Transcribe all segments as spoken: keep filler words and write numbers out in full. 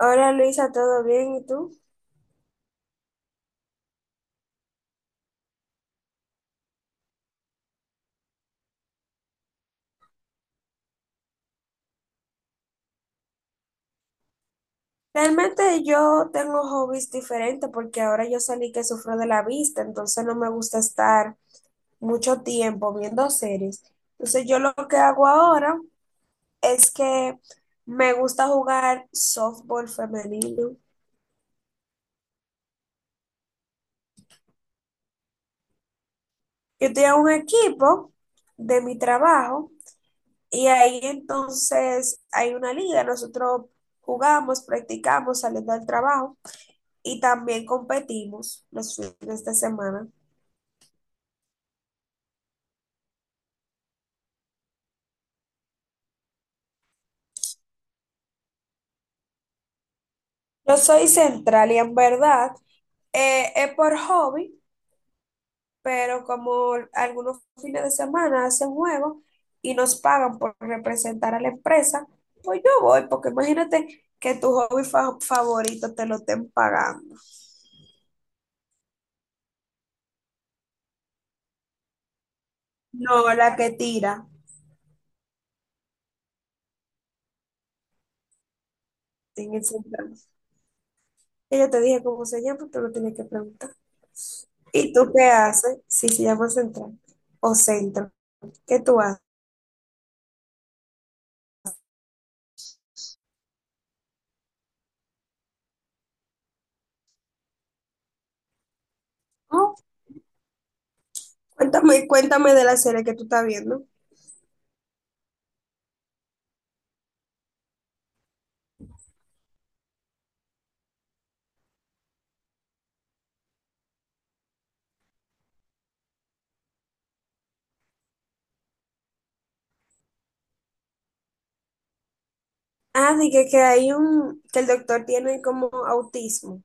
Hola Luisa, ¿todo bien? ¿Y tú? Realmente yo tengo hobbies diferentes porque ahora yo salí que sufro de la vista, entonces no me gusta estar mucho tiempo viendo series. Entonces yo lo que hago ahora es que me gusta jugar softball femenino. Yo tengo un equipo de mi trabajo y ahí entonces hay una liga, nosotros jugamos, practicamos saliendo del trabajo y también competimos los fines de semana. No soy central y en verdad, eh, es por hobby, pero como algunos fines de semana hacen juegos y nos pagan por representar a la empresa, pues yo voy, porque imagínate que tu hobby fa- favorito te lo estén pagando. No, la que tira en el central. Y yo te dije cómo se llama, tú lo tienes que preguntar. ¿Y tú qué haces si se llama central o centro? ¿Qué tú haces? Oh, cuéntame, cuéntame de la serie que tú estás viendo. Ah, dije que hay un, que el doctor tiene como autismo.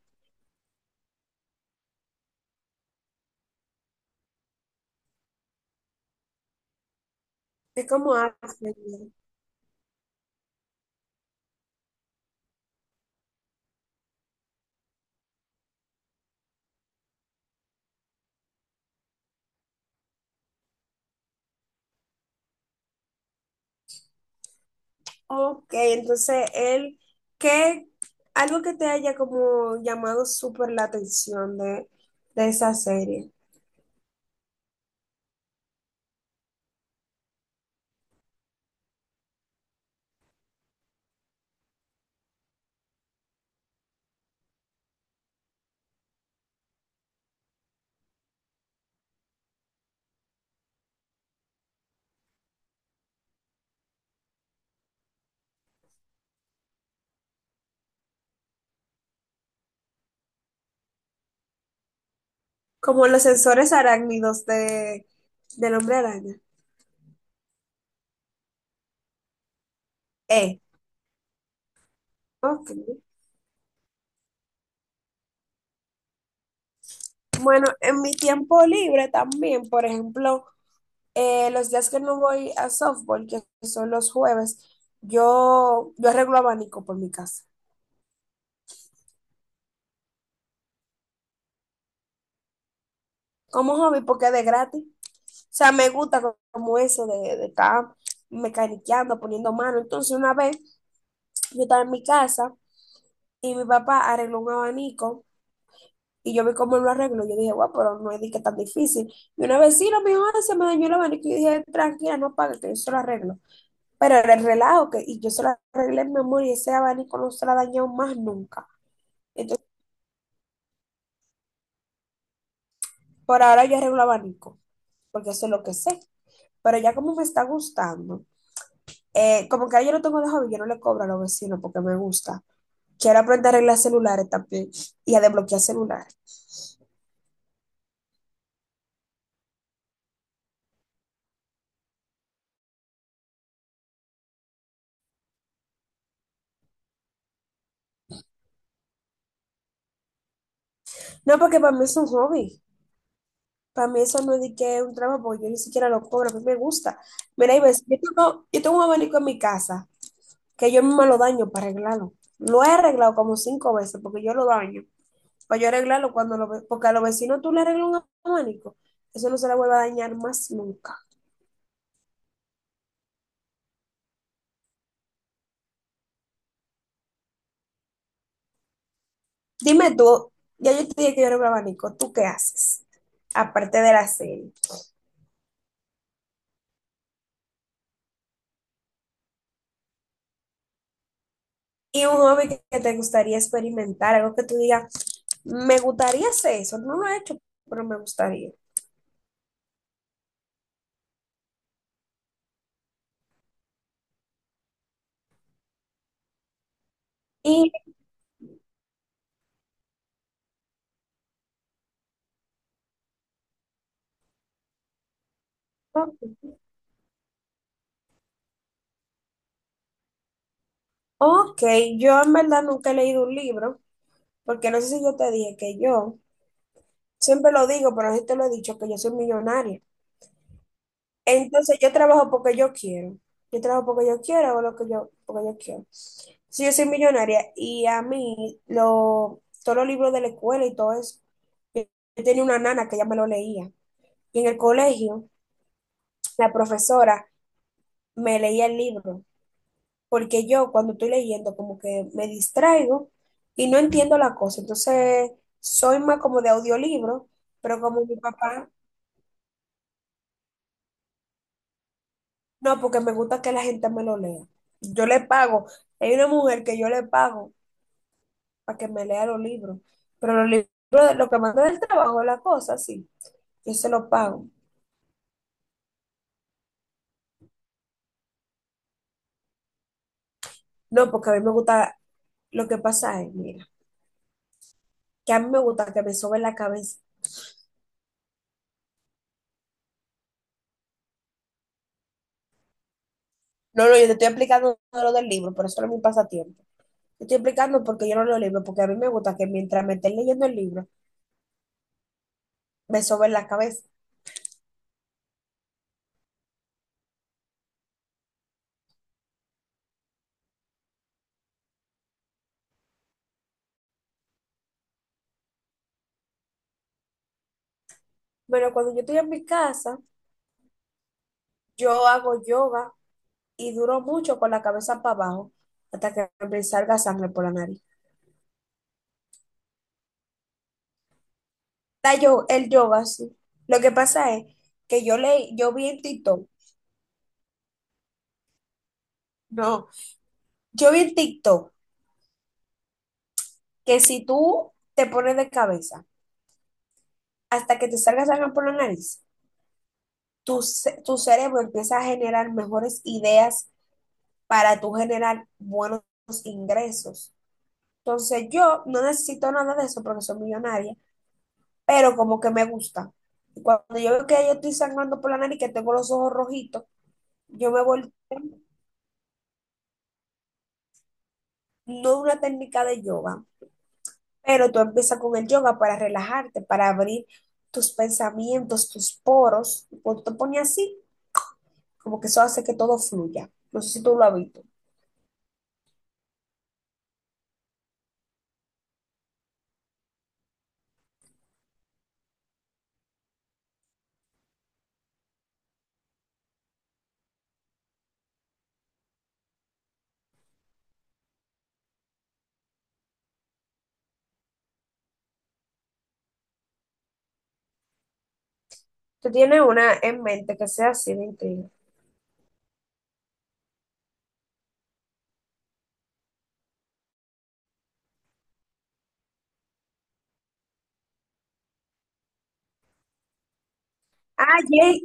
Es como Asperger. Ok, entonces él, ¿qué, algo que te haya como llamado súper la atención de, de esa serie? Como los sensores arácnidos de, del hombre araña. Eh, ok. Bueno, en mi tiempo libre también, por ejemplo, eh, los días que no voy a softball, que son los jueves, yo, yo arreglo abanico por mi casa. Como hobby porque es de gratis. O sea, me gusta co- como eso de, de estar mecaniqueando, poniendo mano. Entonces, una vez yo estaba en mi casa y mi papá arregló un abanico y yo vi cómo él lo arregló. Yo dije, guau, pero no es de que tan difícil. Y una vecina me dijo, "Ah, se me dañó el abanico". Y yo dije, tranquila, no pague, que yo se lo arreglo. Pero era el relajo que, y yo se lo arreglé, mi amor, y ese abanico no se lo ha dañado más nunca. Entonces, por ahora yo arreglo abanico, porque eso es lo que sé. Pero ya como me está gustando, Eh, como que ahora yo lo tengo de hobby, yo no le cobro a los vecinos porque me gusta. Quiero aprender a arreglar celulares también y a desbloquear celulares. No, porque para mí es un hobby. Para mí eso no es de que es un trabajo porque yo ni siquiera lo cobro, a mí me gusta. Mira, y ves, yo tengo, yo tengo un abanico en mi casa que yo misma lo daño para arreglarlo. Lo he arreglado como cinco veces porque yo lo daño. Para yo arreglarlo cuando lo ve, porque a los vecinos tú le arreglas un abanico, eso no se le vuelve a dañar más nunca. Dime tú, ya yo te dije que yo era un abanico, ¿tú qué haces? Aparte de la serie. Y un hobby que que te gustaría experimentar, algo que tú digas, me gustaría hacer eso, no lo he hecho, pero me gustaría. Y, ok, yo en verdad nunca he leído un libro, porque no sé si yo te dije que yo, siempre lo digo, pero no sé si te lo he dicho, que yo soy millonaria. Entonces yo trabajo porque yo quiero. Yo trabajo porque yo quiero, hago lo que yo, porque yo quiero. Si yo soy millonaria y a mí lo, todos los libros de la escuela y todo eso, yo yo tenía una nana que ya me lo leía. Y en el colegio, la profesora me leía el libro, porque yo cuando estoy leyendo como que me distraigo y no entiendo la cosa. Entonces soy más como de audiolibro, pero como mi papá... No, porque me gusta que la gente me lo lea. Yo le pago. Hay una mujer que yo le pago para que me lea los libros. Pero los libros, lo que manda del trabajo, la cosa, sí. Yo se lo pago. No, porque a mí me gusta. Lo que pasa es, mira, que a mí me gusta que me sobe la cabeza. No, no, yo te estoy explicando lo del libro, pero eso no es mi pasatiempo. Te estoy explicando porque yo no leo libros, porque a mí me gusta que mientras me esté leyendo el libro, me sobe la cabeza. Bueno, cuando yo estoy en mi casa, yo hago yoga y duró mucho con la cabeza para abajo hasta que me salga sangre por la nariz. La yo, el yoga, sí. Lo que pasa es que yo le, yo vi en TikTok, no, yo vi en TikTok que si tú te pones de cabeza hasta que te salga sangre por la nariz, tu, ce- tu cerebro empieza a generar mejores ideas para tú generar buenos ingresos. Entonces yo no necesito nada de eso porque soy millonaria pero como que me gusta. Y cuando yo veo que yo estoy sangrando por la nariz, que tengo los ojos rojitos, yo me voy, no es una técnica de yoga, pero tú empiezas con el yoga para relajarte, para abrir tus pensamientos, tus poros. Y cuando te pones así, como que eso hace que todo fluya. No sé si tú lo has visto. Tú tienes una en mente que sea así de intriga. Ah, Jane,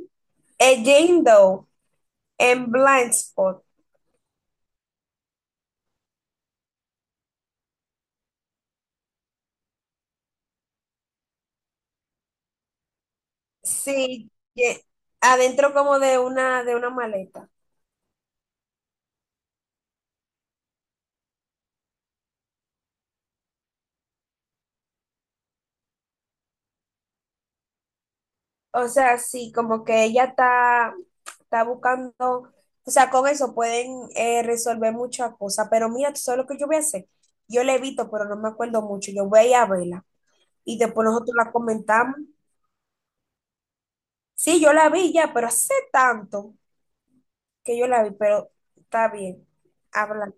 eh, Jane Doe en Blind Spot. Sí, ye- adentro como de una, de una maleta. O sea, sí, como que ella está, está buscando, o sea, con eso pueden eh, resolver muchas cosas, pero mira, tú sabes lo que yo voy a hacer. Yo la he visto pero no me acuerdo mucho. Yo voy a ir a verla y después nosotros la comentamos. Sí, yo la vi ya, pero hace tanto que yo la vi, pero está bien. Habla.